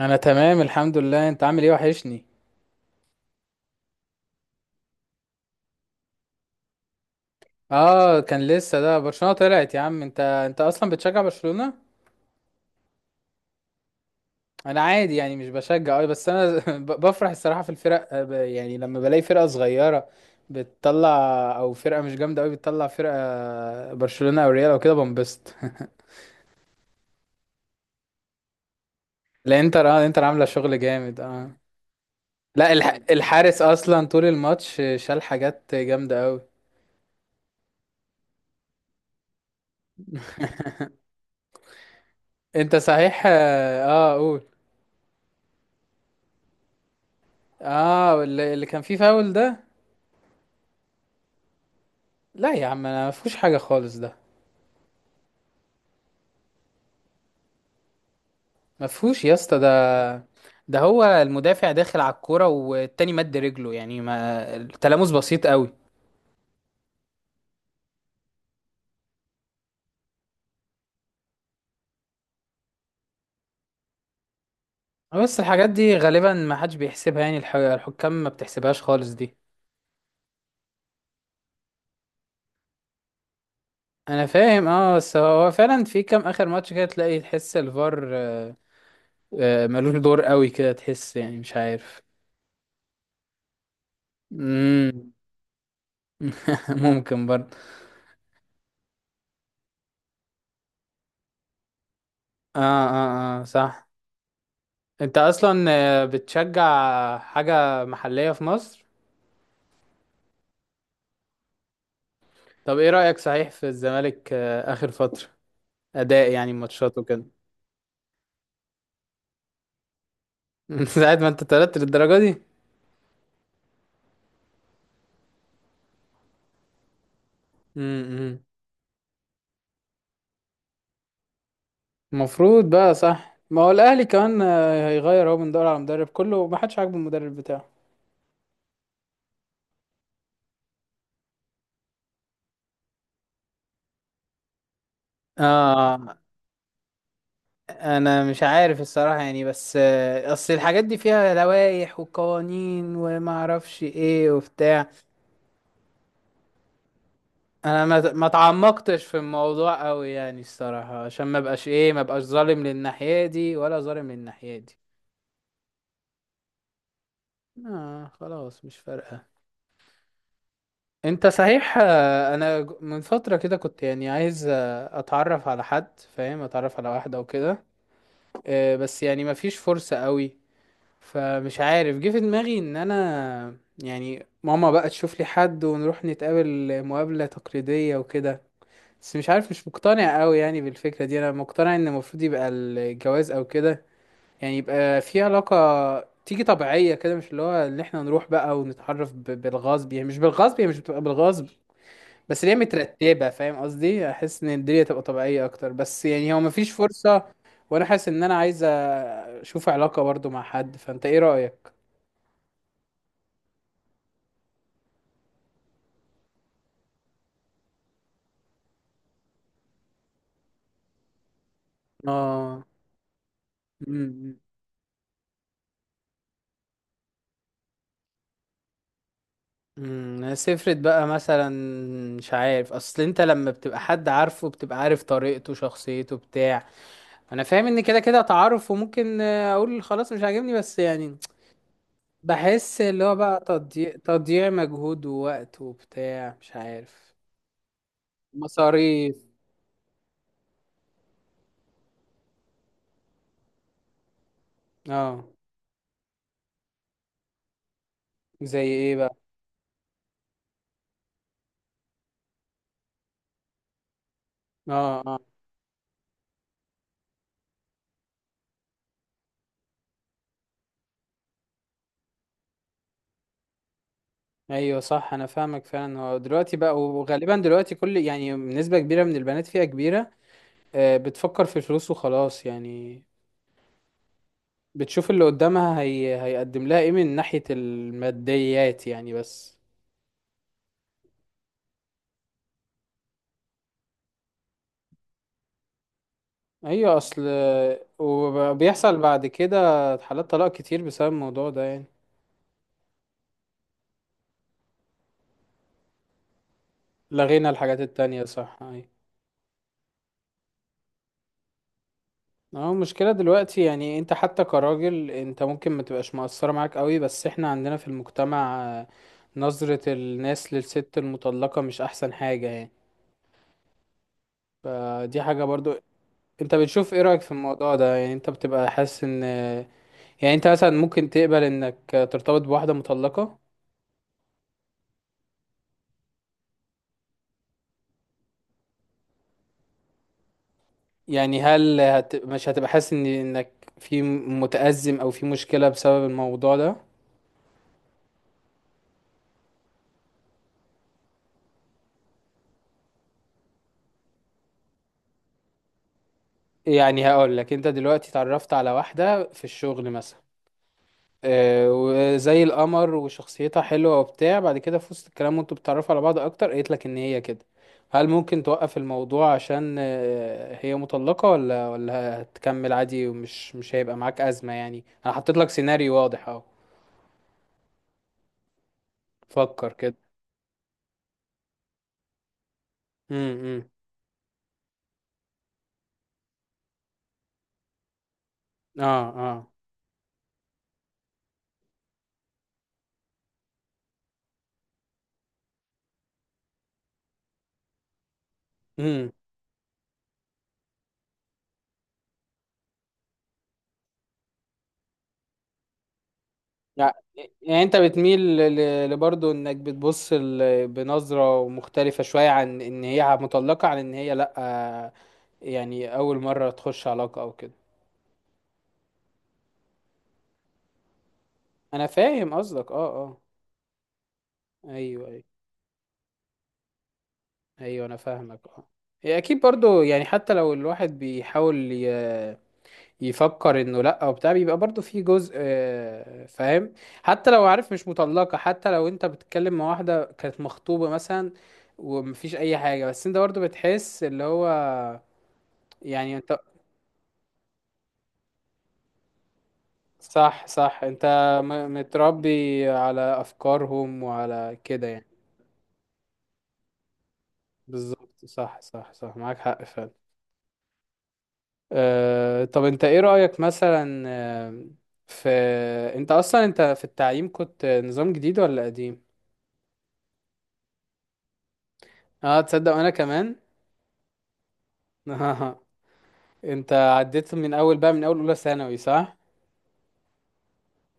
انا تمام، الحمد لله. انت عامل ايه؟ وحشني. اه، كان لسه ده. برشلونة طلعت يا عم. انت اصلا بتشجع برشلونة. انا عادي يعني، مش بشجع قوي، بس انا بفرح الصراحة في الفرق آه، يعني لما بلاقي فرقة صغيرة بتطلع او فرقة مش جامدة قوي بتطلع فرقة برشلونة او ريال او كده بنبسط. لا، انتر، اه، انتر عاملة شغل جامد، اه. لا، الحارس اصلا طول الماتش شال حاجات جامدة قوي. انت صحيح، اه آه، قول. اه، اللي كان فيه فاول ده. لا يا عم، انا ما فيهوش حاجه خالص ده. ما فيهوش يا اسطى ده. ده هو المدافع داخل على الكوره والتاني مد رجله، يعني ما التلامس بسيط قوي. بس الحاجات دي غالبا ما حدش بيحسبها، يعني الحكام ما بتحسبهاش خالص دي. انا فاهم، اه، بس هو فعلا في كام اخر ماتش كده تلاقي تحس الفار آه، آه، ملوش دور قوي كده، تحس يعني مش عارف. امم. ممكن برضه. اه اه اه، صح. انت اصلا آه، بتشجع حاجه محليه في مصر. طب ايه رأيك صحيح في الزمالك آه، آخر فترة، أداء يعني ماتشات وكده. من ساعة ما انت اتولدت للدرجة دي؟ امم. المفروض بقى، صح، ما هو الأهلي كمان آه، هيغير، هو من دور على مدرب، كله ما حدش عاجبه المدرب بتاعه. اه، انا مش عارف الصراحة يعني، بس آه، اصل الحاجات دي فيها لوائح وقوانين وما اعرفش ايه وبتاع. انا ما تعمقتش في الموضوع قوي يعني الصراحة عشان ما بقاش ظالم للناحية دي ولا ظالم للناحية دي. آه خلاص مش فارقة. انت صحيح آه، انا من فترة كده كنت يعني عايز آه، اتعرف على حد، فاهم، اتعرف على واحدة او كده آه، بس يعني مفيش فرصة قوي. فمش عارف، جه في دماغي ان انا يعني ماما بقى تشوف لي حد ونروح نتقابل مقابلة تقليدية وكده، بس مش عارف، مش مقتنع قوي يعني بالفكرة دي. انا مقتنع ان المفروض يبقى الجواز او كده، يعني يبقى في علاقة تيجي طبيعية كده، مش اللي هو ان احنا نروح بقى ونتعرف بالغصب، يعني مش بالغصب، هي مش بتبقى بالغصب، بس اللي هي مترتبة، فاهم قصدي، احس ان الدنيا تبقى طبيعية اكتر. بس يعني هو مفيش فرصة. وانا حاسس ان انا عايز اشوف علاقة برضو مع حد. فانت ايه رأيك؟ اه. امم امم. سفرت بقى مثلا، مش عارف، اصل انت لما بتبقى حد عارفه بتبقى عارف طريقته، شخصيته، بتاع. انا فاهم ان كده كده تعارف وممكن آه، اقول خلاص مش عاجبني، بس يعني بحس اللي هو بقى تضييع، مجهود ووقت وبتاع، مش عارف. مصاريف. اه. زي ايه بقى؟ اه اه. ايوه صح، انا فاهمك فعلا. هو دلوقتي بقى، وغالبا دلوقتي كل، يعني، نسبة كبيرة من البنات، فئة كبيرة آه، بتفكر في الفلوس وخلاص يعني. بتشوف اللي قدامها هي هيقدم لها ايه من ناحية الماديات يعني بس. ايوه، اصل وبيحصل بعد كده حالات طلاق كتير بسبب الموضوع ده يعني. لغينا الحاجات التانية، صح. اه، المشكلة دلوقتي يعني انت حتى كراجل، انت ممكن ما تبقاش مقصرة معاك قوي، بس احنا عندنا في المجتمع آه، نظرة الناس للست المطلقة مش احسن حاجة يعني. فدي حاجة برضو. انت بتشوف ايه رأيك في الموضوع ده؟ يعني انت بتبقى حاسس ان، يعني انت مثلا ممكن تقبل انك ترتبط بواحدة مطلقة؟ يعني هل مش هتبقى حاسس ان انك في، متأزم، او في مشكلة بسبب الموضوع ده؟ يعني هقول لك، انت دلوقتي اتعرفت على واحدة في الشغل مثلا آه، وزي القمر وشخصيتها حلوة وبتاع، بعد كده في وسط الكلام وانتوا بتتعرفوا على بعض اكتر قالت لك ان هي كده، هل ممكن توقف الموضوع عشان آه، هي مطلقة، ولا هتكمل عادي ومش مش هيبقى معاك أزمة؟ يعني انا حطيت لك سيناريو واضح اهو. فكر كده. امم امم. اه اه. امم يعني انت بتميل لبرضه انك بتبص بنظرة مختلفة شوية عن ان هي مطلقة، عن ان هي لأ آه، يعني اول مرة تخش علاقة او كده. انا فاهم قصدك، اه اه. ايوه ايوه، ايوه انا فاهمك اه. هي اكيد برضو يعني، حتى لو الواحد بيحاول يفكر انه لا وبتاع، بيبقى برضو في جزء آه، فاهم، حتى لو عارف مش مطلقة، حتى لو انت بتتكلم مع واحدة كانت مخطوبة مثلا ومفيش اي حاجة، بس انت برضو بتحس اللي هو، يعني انت، صح صح، انت متربي على افكارهم وعلى كده يعني. بالظبط، صح صح صح، معاك حق فعلا. آه، طب انت ايه رأيك مثلا آه، في، انت اصلا انت في التعليم كنت نظام جديد ولا قديم؟ اه تصدق، انا كمان. انت عديت من اول بقى، من اول اولى ثانوي، صح؟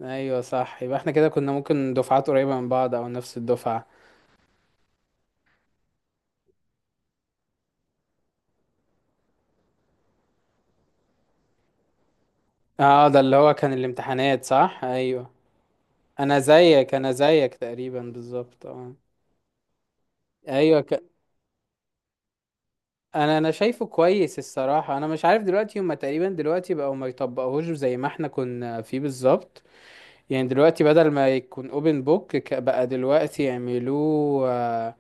ايوه صح، يبقى احنا كده كنا ممكن دفعات قريبة من بعض او نفس الدفعة. اه ده اللي هو كان الامتحانات، صح، ايوه. انا زيك، انا زيك تقريبا بالظبط، اه. ايوه، انا شايفه كويس الصراحه. انا مش عارف دلوقتي، هما تقريبا دلوقتي بقوا ما يطبقوهوش زي ما احنا كنا فيه بالظبط، يعني دلوقتي بدل ما يكون اوبن بوك، بقى دلوقتي يعملوه آه،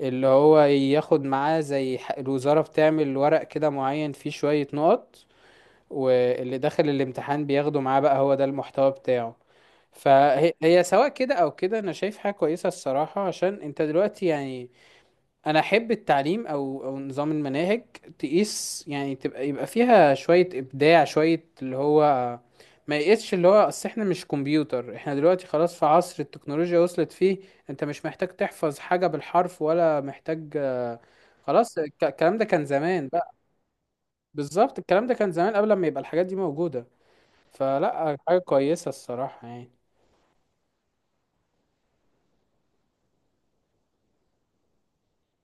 اللي هو ياخد معاه زي الوزاره بتعمل ورق كده معين فيه شويه نقط، واللي داخل الامتحان بياخده معاه، بقى هو ده المحتوى بتاعه. فهي هي سواء كده او كده انا شايف حاجه كويسه الصراحه، عشان انت دلوقتي يعني، انا احب التعليم او نظام المناهج تقيس، يعني تبقى يبقى فيها شويه ابداع، شويه اللي هو ما يقيسش، اللي هو اصل احنا مش كمبيوتر، احنا دلوقتي خلاص في عصر التكنولوجيا وصلت فيه، انت مش محتاج تحفظ حاجه بالحرف ولا محتاج. خلاص الكلام ده كان زمان بقى. بالظبط، الكلام ده كان زمان قبل ما يبقى الحاجات دي موجوده، فلا حاجه كويسه الصراحه يعني.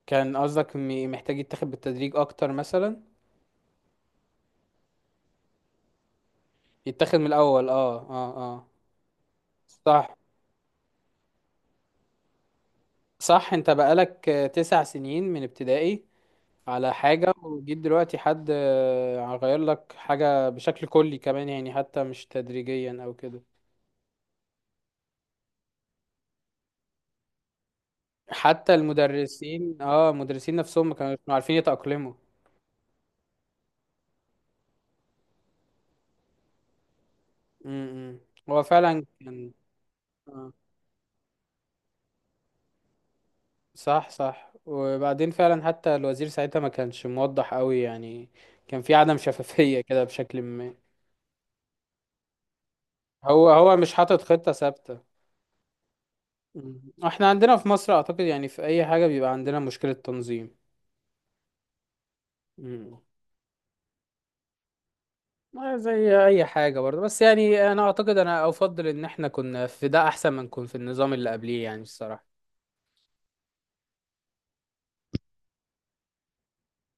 كان قصدك محتاج يتاخد بالتدريج اكتر مثلا؟ يتاخد من الاول، اه اه اه. صح صح، انت بقالك 9 سنين من ابتدائي على حاجة، وجيت دلوقتي حد آه، غير لك حاجة بشكل كلي كمان يعني، حتى مش تدريجيا او كده. حتى المدرسين، اه، المدرسين نفسهم ما كانوا عارفين يتأقلموا. امم. هو فعلا كان آه، صح صح. وبعدين فعلا حتى الوزير ساعتها ما كانش موضح قوي يعني، كان في عدم شفافية كده بشكل ما. هو مش حاطط خطة ثابتة. مم. احنا عندنا في مصر اعتقد يعني في اي حاجة بيبقى عندنا مشكلة تنظيم. مم. ما زي اي حاجة برضه، بس يعني انا اعتقد، انا افضل ان احنا كنا في ده احسن ما نكون في النظام اللي قبليه يعني الصراحة.